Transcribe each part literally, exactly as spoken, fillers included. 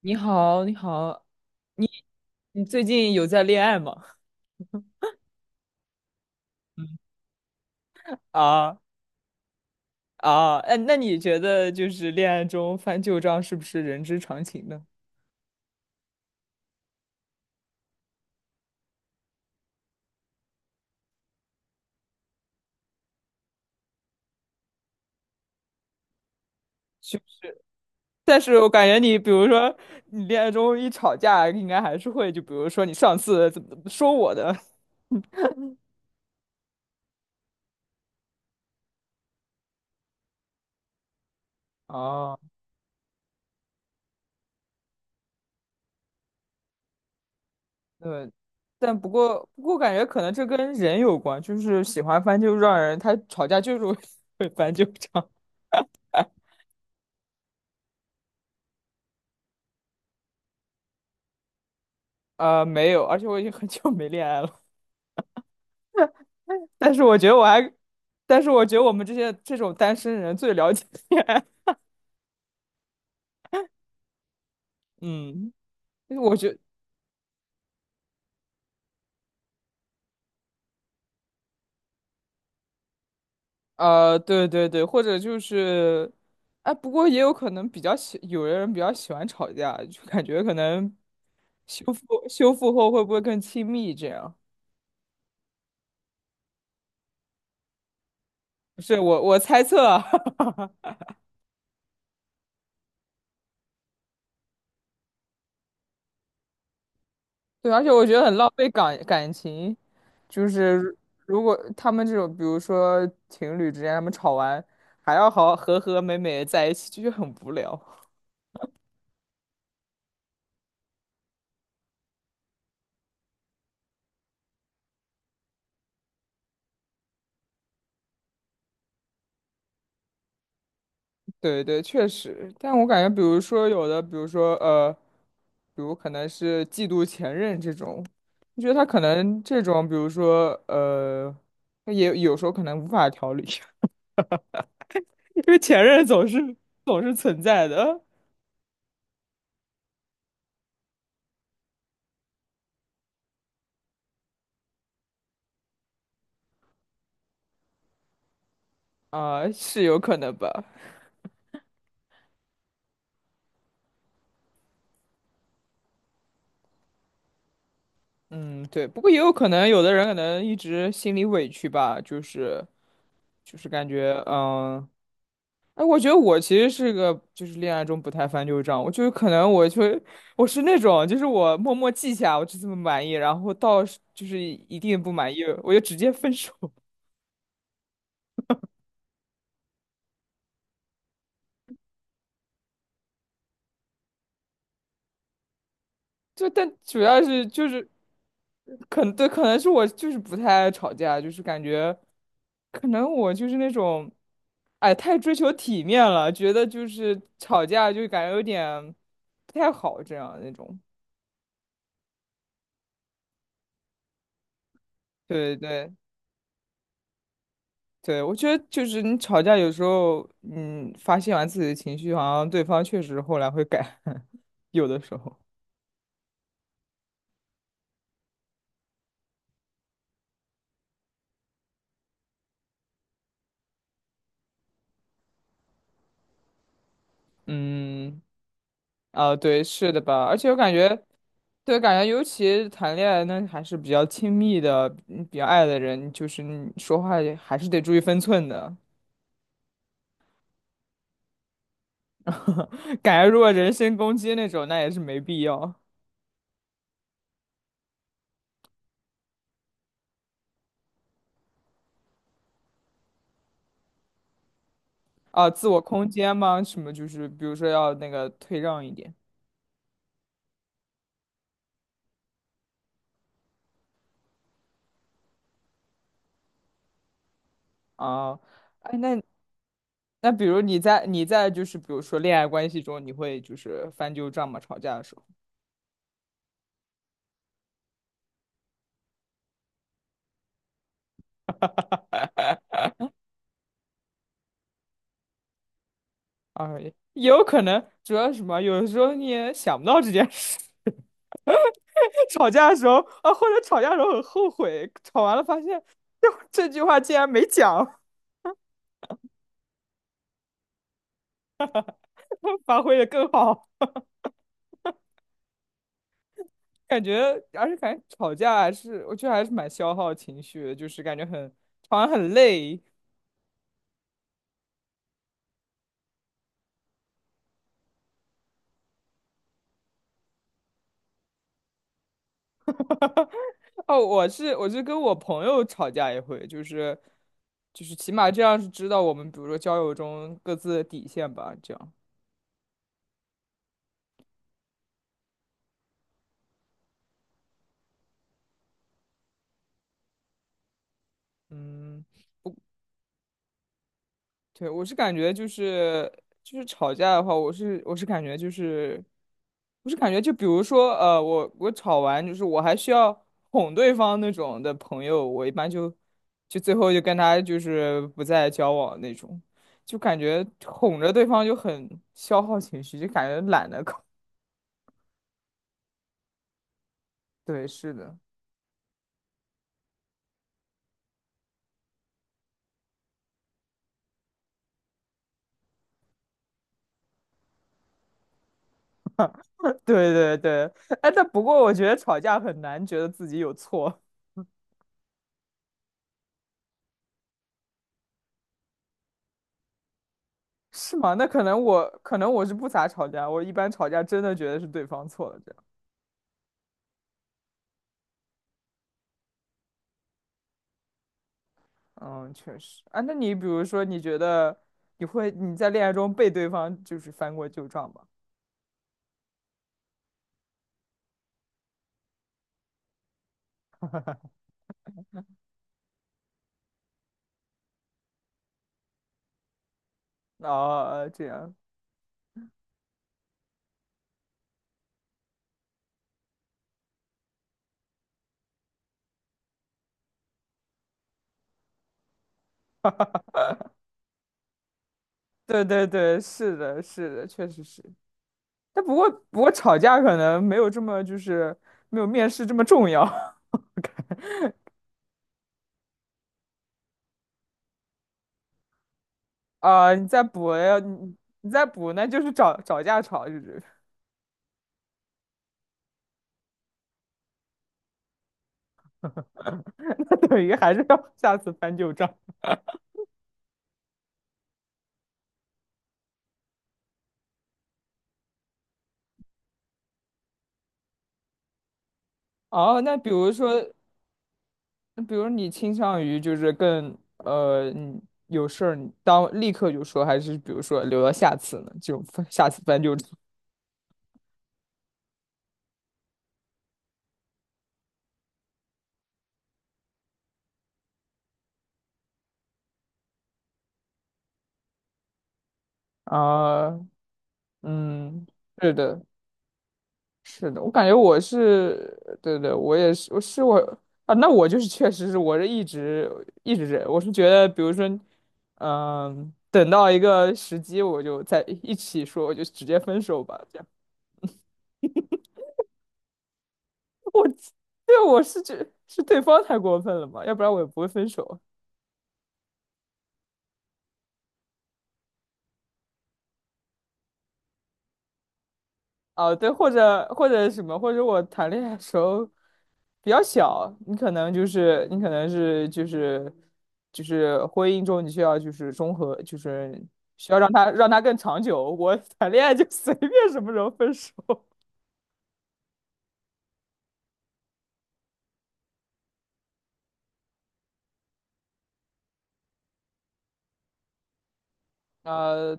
你好，你好，你最近有在恋爱吗？嗯啊啊，哎，那你觉得就是恋爱中翻旧账是不是人之常情呢？是不是，但是我感觉你，比如说你恋爱中一吵架，应该还是会，就比如说你上次怎么怎么说我的哦，对，但不过不过感觉可能这跟人有关，就是喜欢翻旧账的人，他吵架就是会 会翻旧账。呃，没有，而且我已经很久没恋爱了。但是我觉得我还，但是我觉得我们这些这种单身人最了解恋爱。嗯，因为我觉呃，对对对，或者就是，哎，不过也有可能比较喜，有的人比较喜欢吵架，就感觉可能修复修复后会不会更亲密？这样，不是我我猜测啊，对，而且我觉得很浪费感感情，就是如果他们这种，比如说情侣之间，他们吵完还要好好和和美美地在一起，就觉得很无聊。对对，确实，但我感觉，比如说有的，比如说呃，比如可能是嫉妒前任这种，你觉得他可能这种，比如说呃，他也有时候可能无法调理，因为前任总是总是存在的啊，是有可能吧？嗯，对，不过也有可能有的人可能一直心里委屈吧，就是就是感觉嗯。哎，我觉得我其实是个就是恋爱中不太翻旧账，我就是可能我就我是那种就是我默默记下我就这么满意，然后到是就是一定不满意我就直接分手。就但主要是就是可能对，可能是我就是不太爱吵架，就是感觉可能我就是那种哎太追求体面了，觉得就是吵架就感觉有点不太好这样那种。对对对，我觉得就是你吵架有时候，嗯，发泄完自己的情绪，好像对方确实后来会改，有的时候。嗯，啊，对，是的吧？而且我感觉，对，感觉尤其谈恋爱那还是比较亲密的，嗯比较爱的人，就是你说话也还是得注意分寸的。感觉如果人身攻击那种，那也是没必要啊。自我空间嘛，什么就是，比如说要那个退让一点啊。哎，那那比如你在你在就是比如说恋爱关系中，你会就是翻旧账吗？吵架的时候啊，也有可能，主要是什么？有的时候你也想不到这件事，吵架的时候啊，或者吵架的时候很后悔，吵完了发现这这句话竟然没讲，发挥的更好，感觉而且感觉吵架还是我觉得还是蛮消耗情绪的，就是感觉很吵完很累。哦，我是我是跟我朋友吵架也会，就是就是起码这样是知道我们比如说交友中各自的底线吧，这样。嗯，对，我是感觉就是就是吵架的话，我是我是感觉就是我是感觉就比如说呃，我我吵完就是我还需要哄对方那种的朋友，我一般就就最后就跟他就是不再交往那种，就感觉哄着对方就很消耗情绪，就感觉懒得搞。对，是的。对对对，哎，但不过我觉得吵架很难觉得自己有错，是吗？那可能我可能我是不咋吵架，我一般吵架真的觉得是对方错了，这样。嗯，确实。啊，那你比如说，你觉得你会你在恋爱中被对方就是翻过旧账吗？哦，呃这样。对对对，是的，是的，确实是。但不过不过吵架可能没有这么就是没有面试这么重要 啊、你再补要你你再补，那就是找找架吵，就是。那等于还是要 下次翻旧账。哦，那比如说，比如你倾向于就是更呃，你有事儿你当立刻就说，还是比如说留到下次呢？就翻下次翻旧账 啊，嗯，是的，是的，我感觉我是，对对，我也是，我是我啊，那我就是确实是，我是一直一直忍，我是觉得，比如说，嗯、等到一个时机，我就在一起说，我就直接分手吧，这样。我对我是觉是对方太过分了嘛，要不然我也不会分手。哦，对，或者或者什么，或者我谈恋爱的时候比较小，你可能就是你可能是就是就是婚姻中你需要就是综合，就是需要让他让他更长久。我谈恋爱就随便什么时候分手。呃，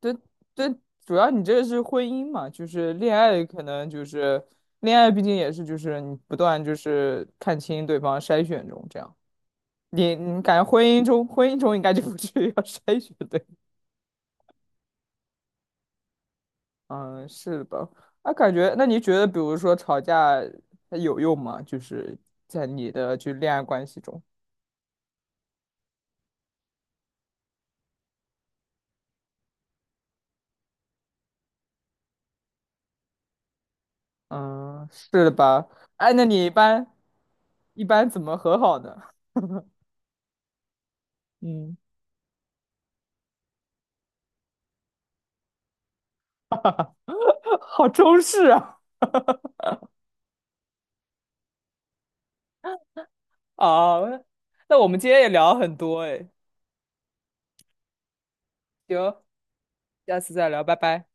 对对，主要你这是婚姻嘛，就是恋爱，可能就是恋爱，毕竟也是就是你不断就是看清对方筛选中这样。你你感觉婚姻中婚姻中应该就不至于 要筛选对，嗯，是的吧？啊，感觉那你觉得，比如说吵架它有用吗？就是在你的就恋爱关系中，嗯，是的吧？哎，那你一般一般怎么和好呢？嗯，好中式啊。哦，那我们今天也聊了很多哎，行，下次再聊，拜拜。